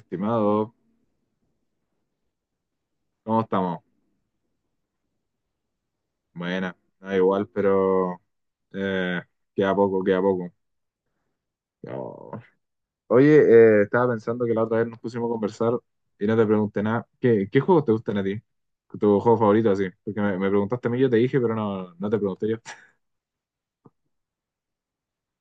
Estimado, ¿cómo estamos? Buena, da igual, pero eh, queda poco, queda poco. Oh. Oye, estaba pensando que la otra vez nos pusimos a conversar y no te pregunté nada. ¿Qué juegos te gustan a ti? ¿Tu juego favorito así? Porque me preguntaste a mí, yo te dije, pero no, no te pregunté yo.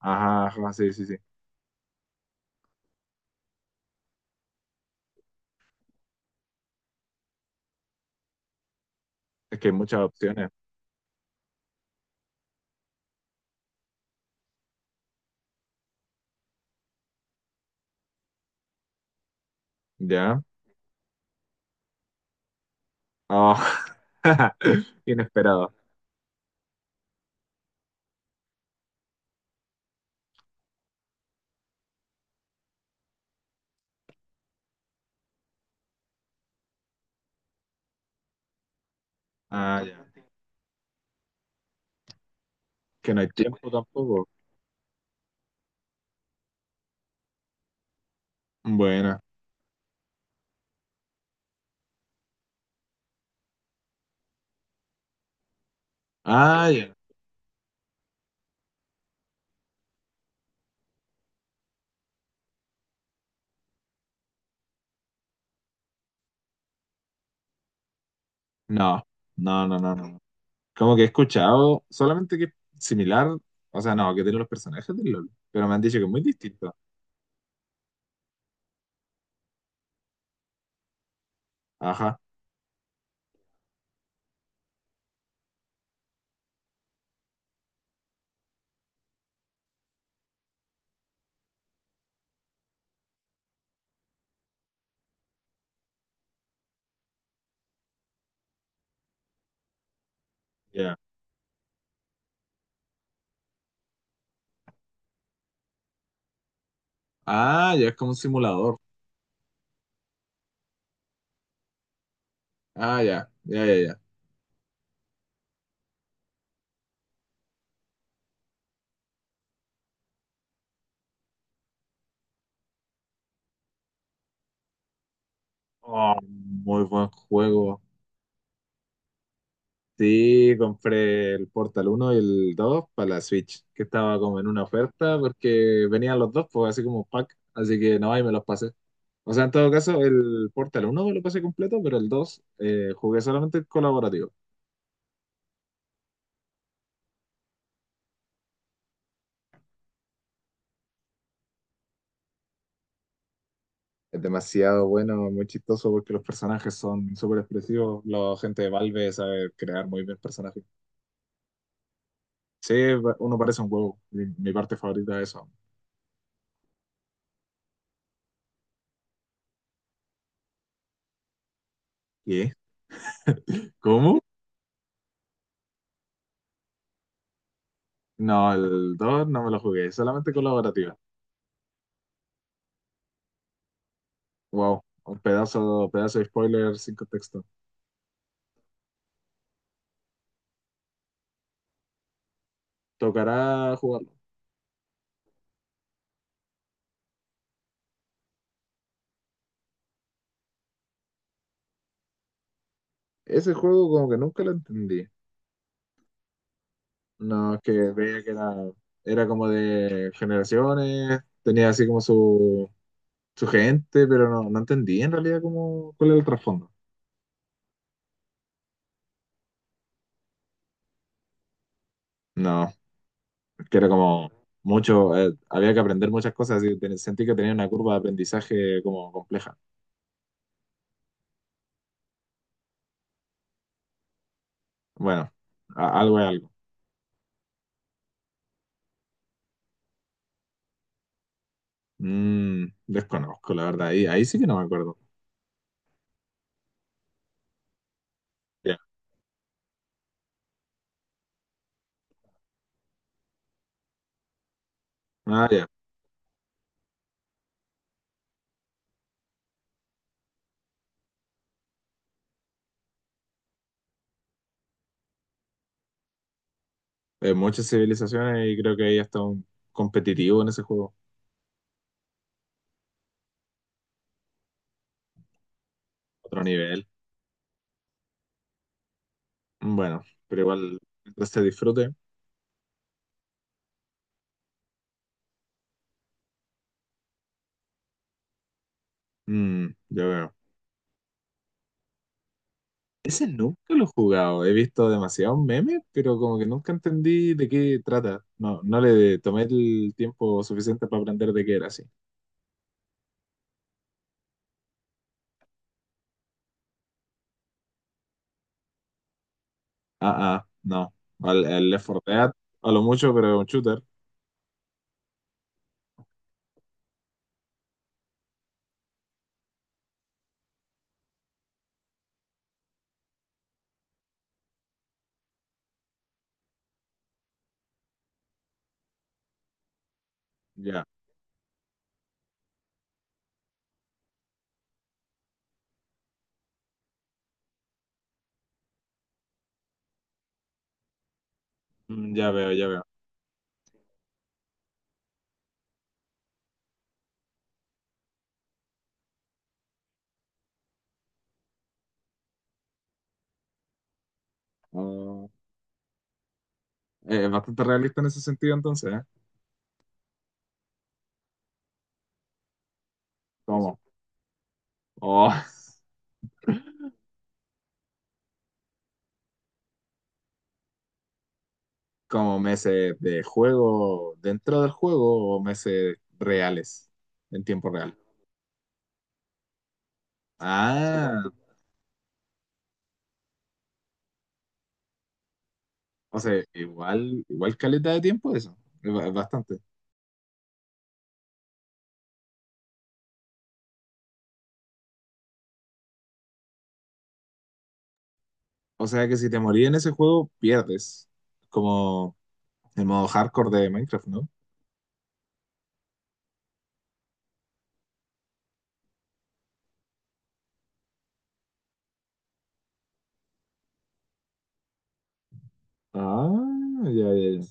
Ajá, ajá, sí, sí, sí. Es que hay muchas opciones. ¿Ya? Oh. Inesperado. Ah, ya. Que no hay tiempo tampoco. Buena. Ah, ya. No, no, no, no, no. Como que he escuchado solamente que es similar, o sea, no, que tiene los personajes del LOL, pero me han dicho que es muy distinto. Ajá, ya. Ah, ya es como un simulador. Ah, ya, ya, ya, ya. Oh, muy buen juego. Sí, compré el Portal uno y el 2 para la Switch, que estaba como en una oferta porque venían los dos, pues así como pack, así que no, ahí me los pasé. O sea, en todo caso, el Portal uno me lo pasé completo, pero el 2 jugué solamente el colaborativo. Es demasiado bueno, muy chistoso porque los personajes son súper expresivos. La gente de Valve sabe crear muy bien personajes. Sí, uno parece un huevo. Mi parte favorita de eso. ¿Qué? ¿Cómo? No, el 2 no me lo jugué, solamente colaborativa. Wow, un pedazo, pedazo de spoiler sin contexto. Tocará jugarlo. Ese juego como que nunca lo entendí. No, es que veía que era como de generaciones, tenía así como su gente, pero no, no entendí en realidad cómo, cuál era el trasfondo. No, que era como mucho, había que aprender muchas cosas y sentí que tenía una curva de aprendizaje como compleja. Bueno, algo es algo. Mm, desconozco, la verdad, ahí, ahí sí que no me acuerdo. Ya, ah, ya. Muchas civilizaciones y creo que ahí está un competitivo en ese juego, otro nivel. Mm, bueno, pero igual, mientras se disfrute, mm, yo veo. Ese nunca lo he jugado. He visto demasiados memes, pero como que nunca entendí de qué trata. No, no le tomé el tiempo suficiente para aprender de qué era así. Ah, ah, no. El Left 4 Dead, a lo mucho, pero es un shooter. Ya, mm, ya veo, ya veo. Oh, es bastante realista en ese sentido entonces, ¿eh? ¿Cómo? Oh, ¿como meses de juego dentro del juego o meses reales, en tiempo real? Ah, o sea, igual, igual caleta de tiempo eso. Es bastante. O sea que si te morís en ese juego, pierdes. ¿Como el modo hardcore de Minecraft, no? Ah, ya, ya, ya.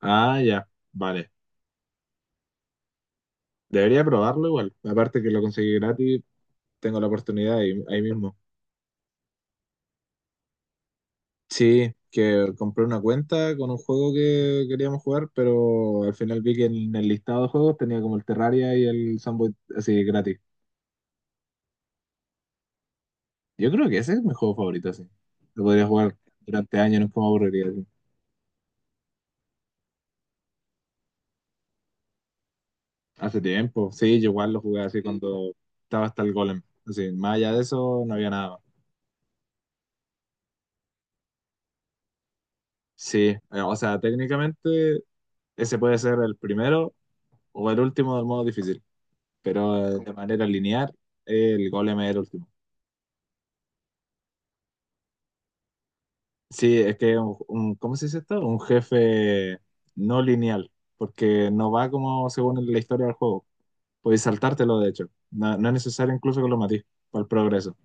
Ah, ya. Vale. Debería probarlo igual. Aparte que lo conseguí gratis, tengo la oportunidad ahí, ahí mismo. Sí, que compré una cuenta con un juego que queríamos jugar, pero al final vi que en el listado de juegos tenía como el Terraria y el Sunboy así gratis. Yo creo que ese es mi juego favorito, así. Lo podría jugar durante años, no es como aburriría. Hace tiempo, sí, yo igual lo jugué así, sí, cuando estaba hasta el golem. Así, más allá de eso, no había nada más. Sí, o sea, técnicamente ese puede ser el primero o el último del modo difícil, pero de manera lineal, el golem es el último. Sí, es que ¿cómo se dice esto? Un jefe no lineal, porque no va como según la historia del juego. Puedes saltártelo, de hecho. No, no es necesario incluso que lo matís para el progreso.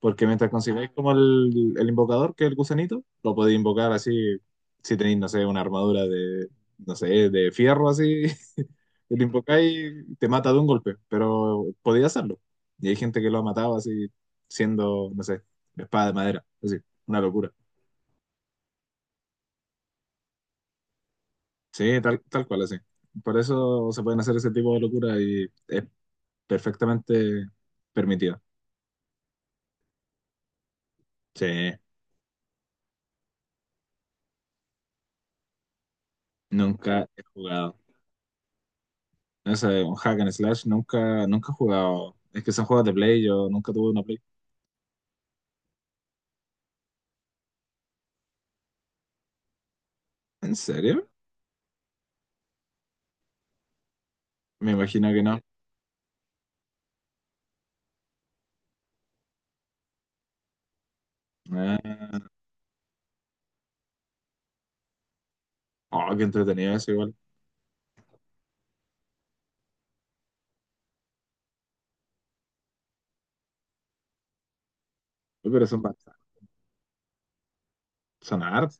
Porque mientras consigáis como el invocador, que es el gusanito, lo podéis invocar así, si tenéis, no sé, una armadura de, no sé, de fierro así, y lo invocáis, te mata de un golpe, pero podéis hacerlo. Y hay gente que lo ha matado así, siendo, no sé, espada de madera, así, una locura. Sí, tal, tal cual, así. Por eso se pueden hacer ese tipo de locura y es perfectamente permitido. Sí, nunca he jugado. Ese un hack and slash, nunca, nunca he jugado. Es que son juegos de Play, yo nunca tuve una Play. ¿En serio? Me imagino que no. Ah, oh, qué entretenido eso igual. Uy, pero son bastante, son hartos.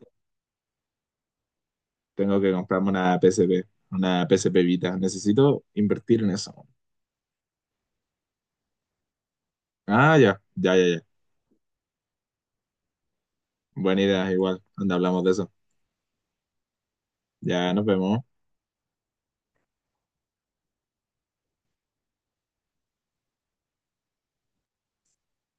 Tengo que comprarme una PSP, una PSP Vita. Necesito invertir en eso. Ah, ya, ya, ya, ya. Buena idea, igual. Donde hablamos de eso. Ya, nos vemos.